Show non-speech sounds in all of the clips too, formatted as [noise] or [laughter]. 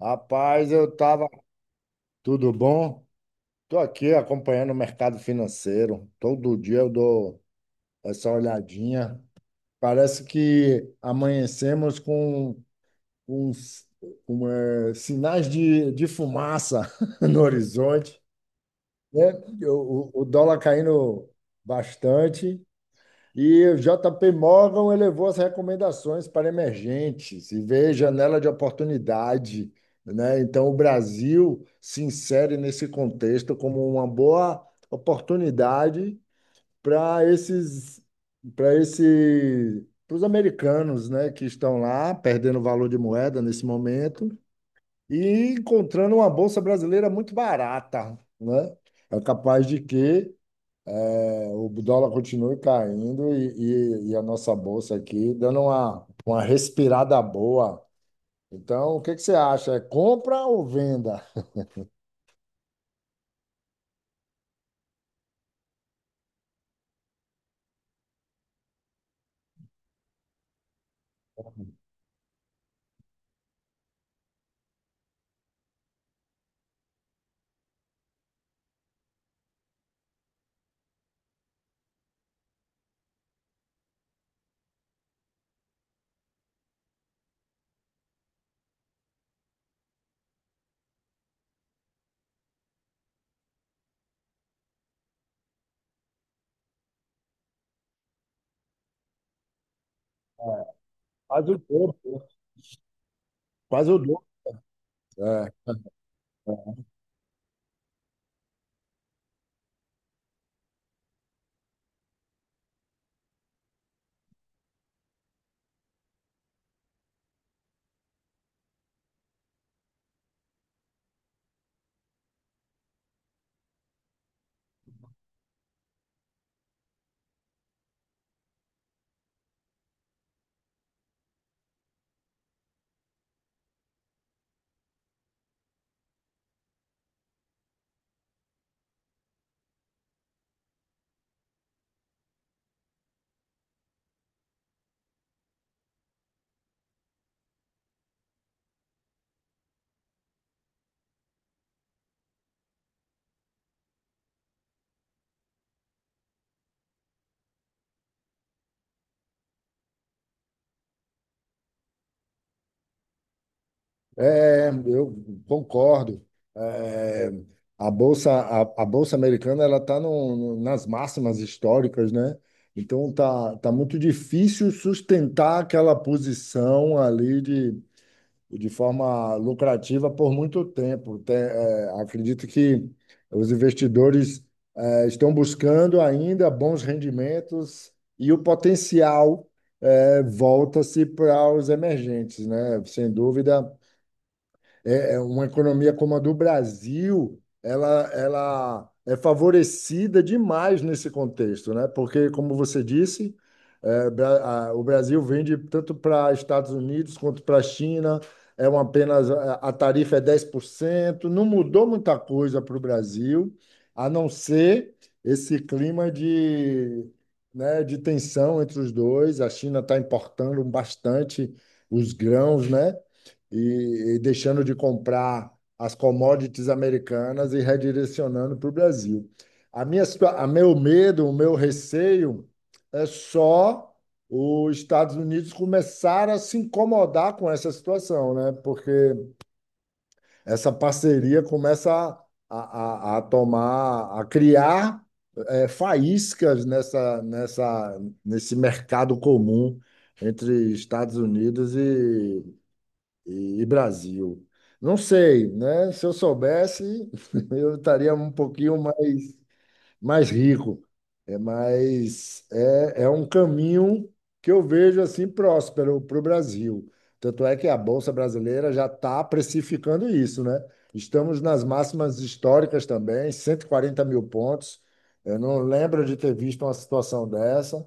Rapaz, eu tava. Tudo bom? Tô aqui acompanhando o mercado financeiro. Todo dia eu dou essa olhadinha. Parece que amanhecemos com uns com sinais de fumaça [laughs] no horizonte, né? O dólar caindo bastante. E o JP Morgan elevou as recomendações para emergentes e vê janela de oportunidade, né? Então, o Brasil se insere nesse contexto como uma boa oportunidade para esses, para esse, para os americanos, né, que estão lá perdendo valor de moeda nesse momento e encontrando uma bolsa brasileira muito barata, né? É capaz de que o dólar continua caindo e a nossa bolsa aqui dando uma respirada boa. Então, o que que você acha? É compra ou venda? Faz o dobro. Faz o dobro. É, eu concordo. É, a bolsa americana ela está nas máximas históricas, né? Então tá muito difícil sustentar aquela posição ali de forma lucrativa por muito tempo. Acredito que os investidores estão buscando ainda bons rendimentos e o potencial volta-se para os emergentes, né? Sem dúvida, é uma economia como a do Brasil, ela é favorecida demais nesse contexto, né? Porque, como você disse, o Brasil vende tanto para Estados Unidos quanto para a China, é uma apenas a tarifa é 10%, não mudou muita coisa para o Brasil, a não ser esse clima né, de tensão entre os dois. A China está importando bastante os grãos, né? E deixando de comprar as commodities americanas e redirecionando para o Brasil. A minha, situa- a meu medo, O meu receio é só os Estados Unidos começar a se incomodar com essa situação, né? Porque essa parceria começa a criar faíscas nesse mercado comum entre Estados Unidos e Brasil. Não sei, né? Se eu soubesse, [laughs] eu estaria um pouquinho mais rico. É, mas é um caminho que eu vejo assim próspero para o Brasil. Tanto é que a Bolsa Brasileira já está precificando isso, né? Estamos nas máximas históricas também, 140 mil pontos. Eu não lembro de ter visto uma situação dessa.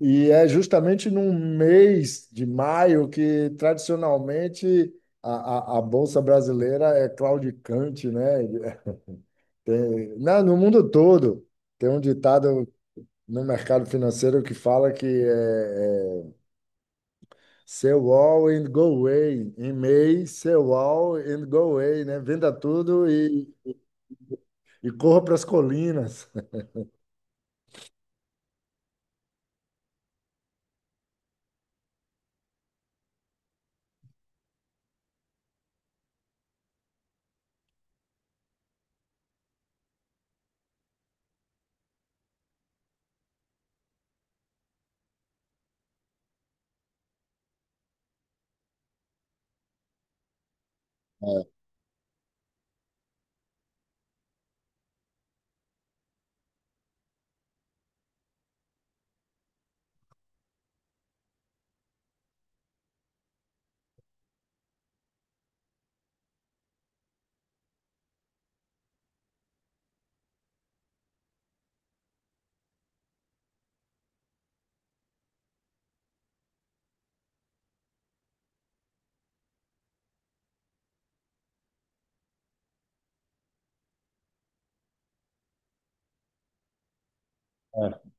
E é justamente num mês de maio que, tradicionalmente, a Bolsa Brasileira é claudicante, né? É, no mundo todo, tem um ditado no mercado financeiro que fala que é sell all and go away. Em May, sell all and go away, né? Venda tudo e corra para as colinas. É, é. [laughs]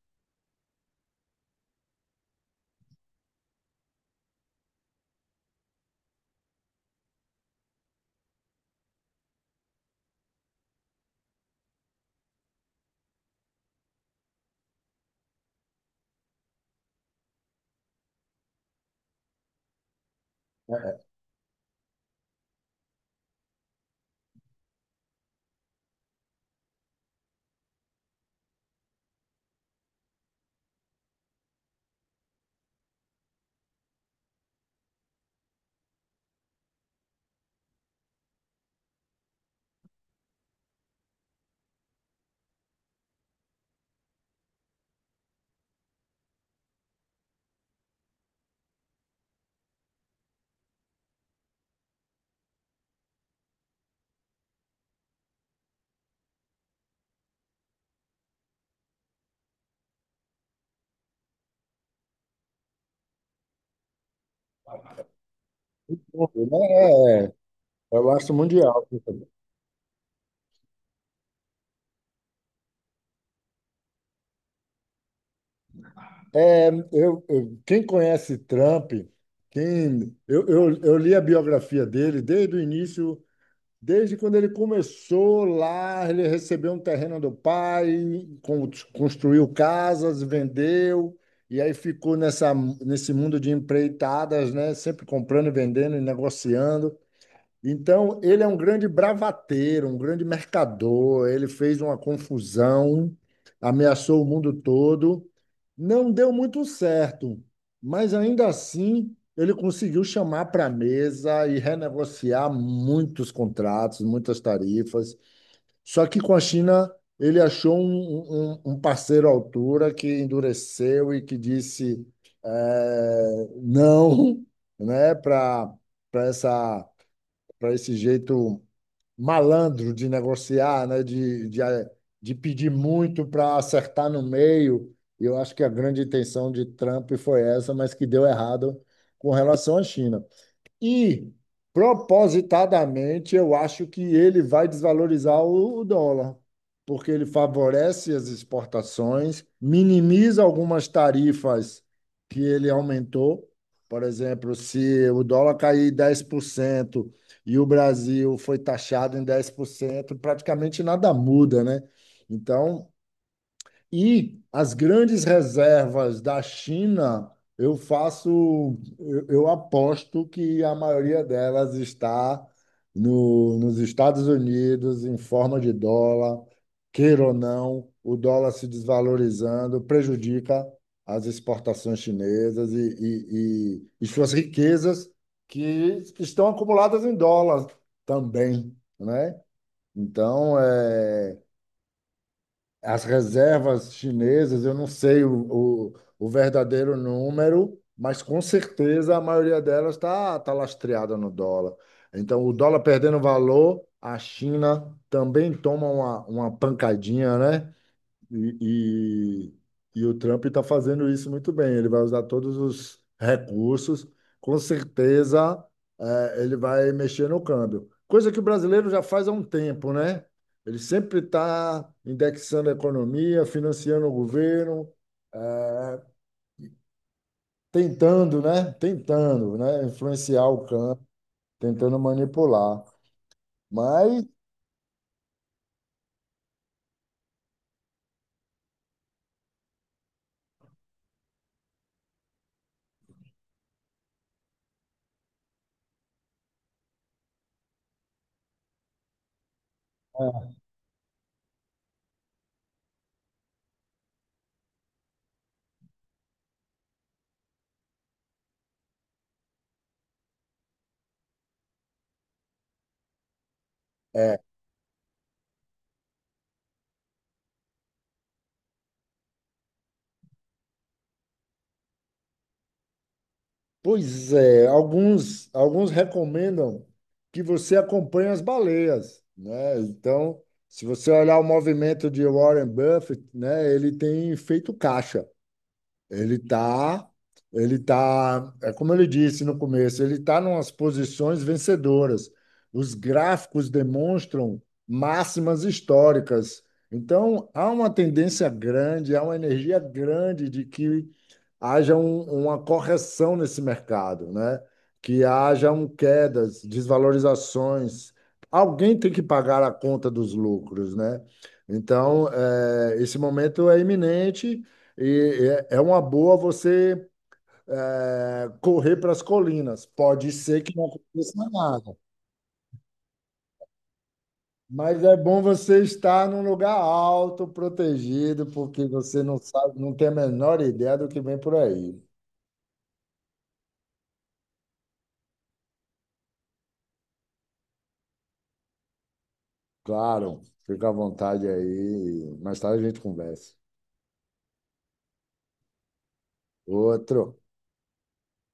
Eu acho mundial. Quem conhece Trump, eu li a biografia dele desde o início, desde quando ele começou lá, ele recebeu um terreno do pai, construiu casas, vendeu, e aí ficou nessa, nesse mundo de empreitadas, né? Sempre comprando e vendendo e negociando. Então, ele é um grande bravateiro, um grande mercador. Ele fez uma confusão, ameaçou o mundo todo. Não deu muito certo, mas ainda assim ele conseguiu chamar para a mesa e renegociar muitos contratos, muitas tarifas. Só que com a China ele achou um parceiro à altura que endureceu e que disse não, né, para essa para esse jeito malandro de negociar, né? De pedir muito para acertar no meio. E eu acho que a grande intenção de Trump foi essa, mas que deu errado com relação à China. E propositadamente eu acho que ele vai desvalorizar o dólar, porque ele favorece as exportações, minimiza algumas tarifas que ele aumentou. Por exemplo, se o dólar cair 10% e o Brasil foi taxado em 10%, praticamente nada muda, né? Então, e as grandes reservas da China, eu aposto que a maioria delas está no, nos Estados Unidos, em forma de dólar, queira ou não, o dólar se desvalorizando prejudica as exportações chinesas e suas riquezas que estão acumuladas em dólar também, né? Então, é. As reservas chinesas, eu não sei o verdadeiro número, mas com certeza a maioria delas está tá tá lastreada no dólar. Então, o dólar perdendo valor, a China também toma uma pancadinha, né? E, e o Trump está fazendo isso muito bem. Ele vai usar todos os recursos, com certeza, ele vai mexer no câmbio. Coisa que o brasileiro já faz há um tempo, né? Ele sempre está indexando a economia, financiando o governo, eh, tentando, né? Tentando, né? Influenciar o câmbio, tentando manipular. Mas é, pois é, alguns, alguns recomendam que você acompanhe as baleias, né? Então, se você olhar o movimento de Warren Buffett, né, ele tem feito caixa. Ele tá, ele tá, é como ele disse no começo, ele tá numas posições vencedoras. Os gráficos demonstram máximas históricas. Então, há uma tendência grande, há uma energia grande de que haja uma correção nesse mercado, né? Que hajam quedas, desvalorizações. Alguém tem que pagar a conta dos lucros, né? Então, esse momento é iminente e é é uma boa você correr para as colinas. Pode ser que não aconteça nada, mas é bom você estar num lugar alto, protegido, porque você não sabe, não tem a menor ideia do que vem por aí. Claro, fica à vontade aí. Mais tarde a gente conversa. Outro.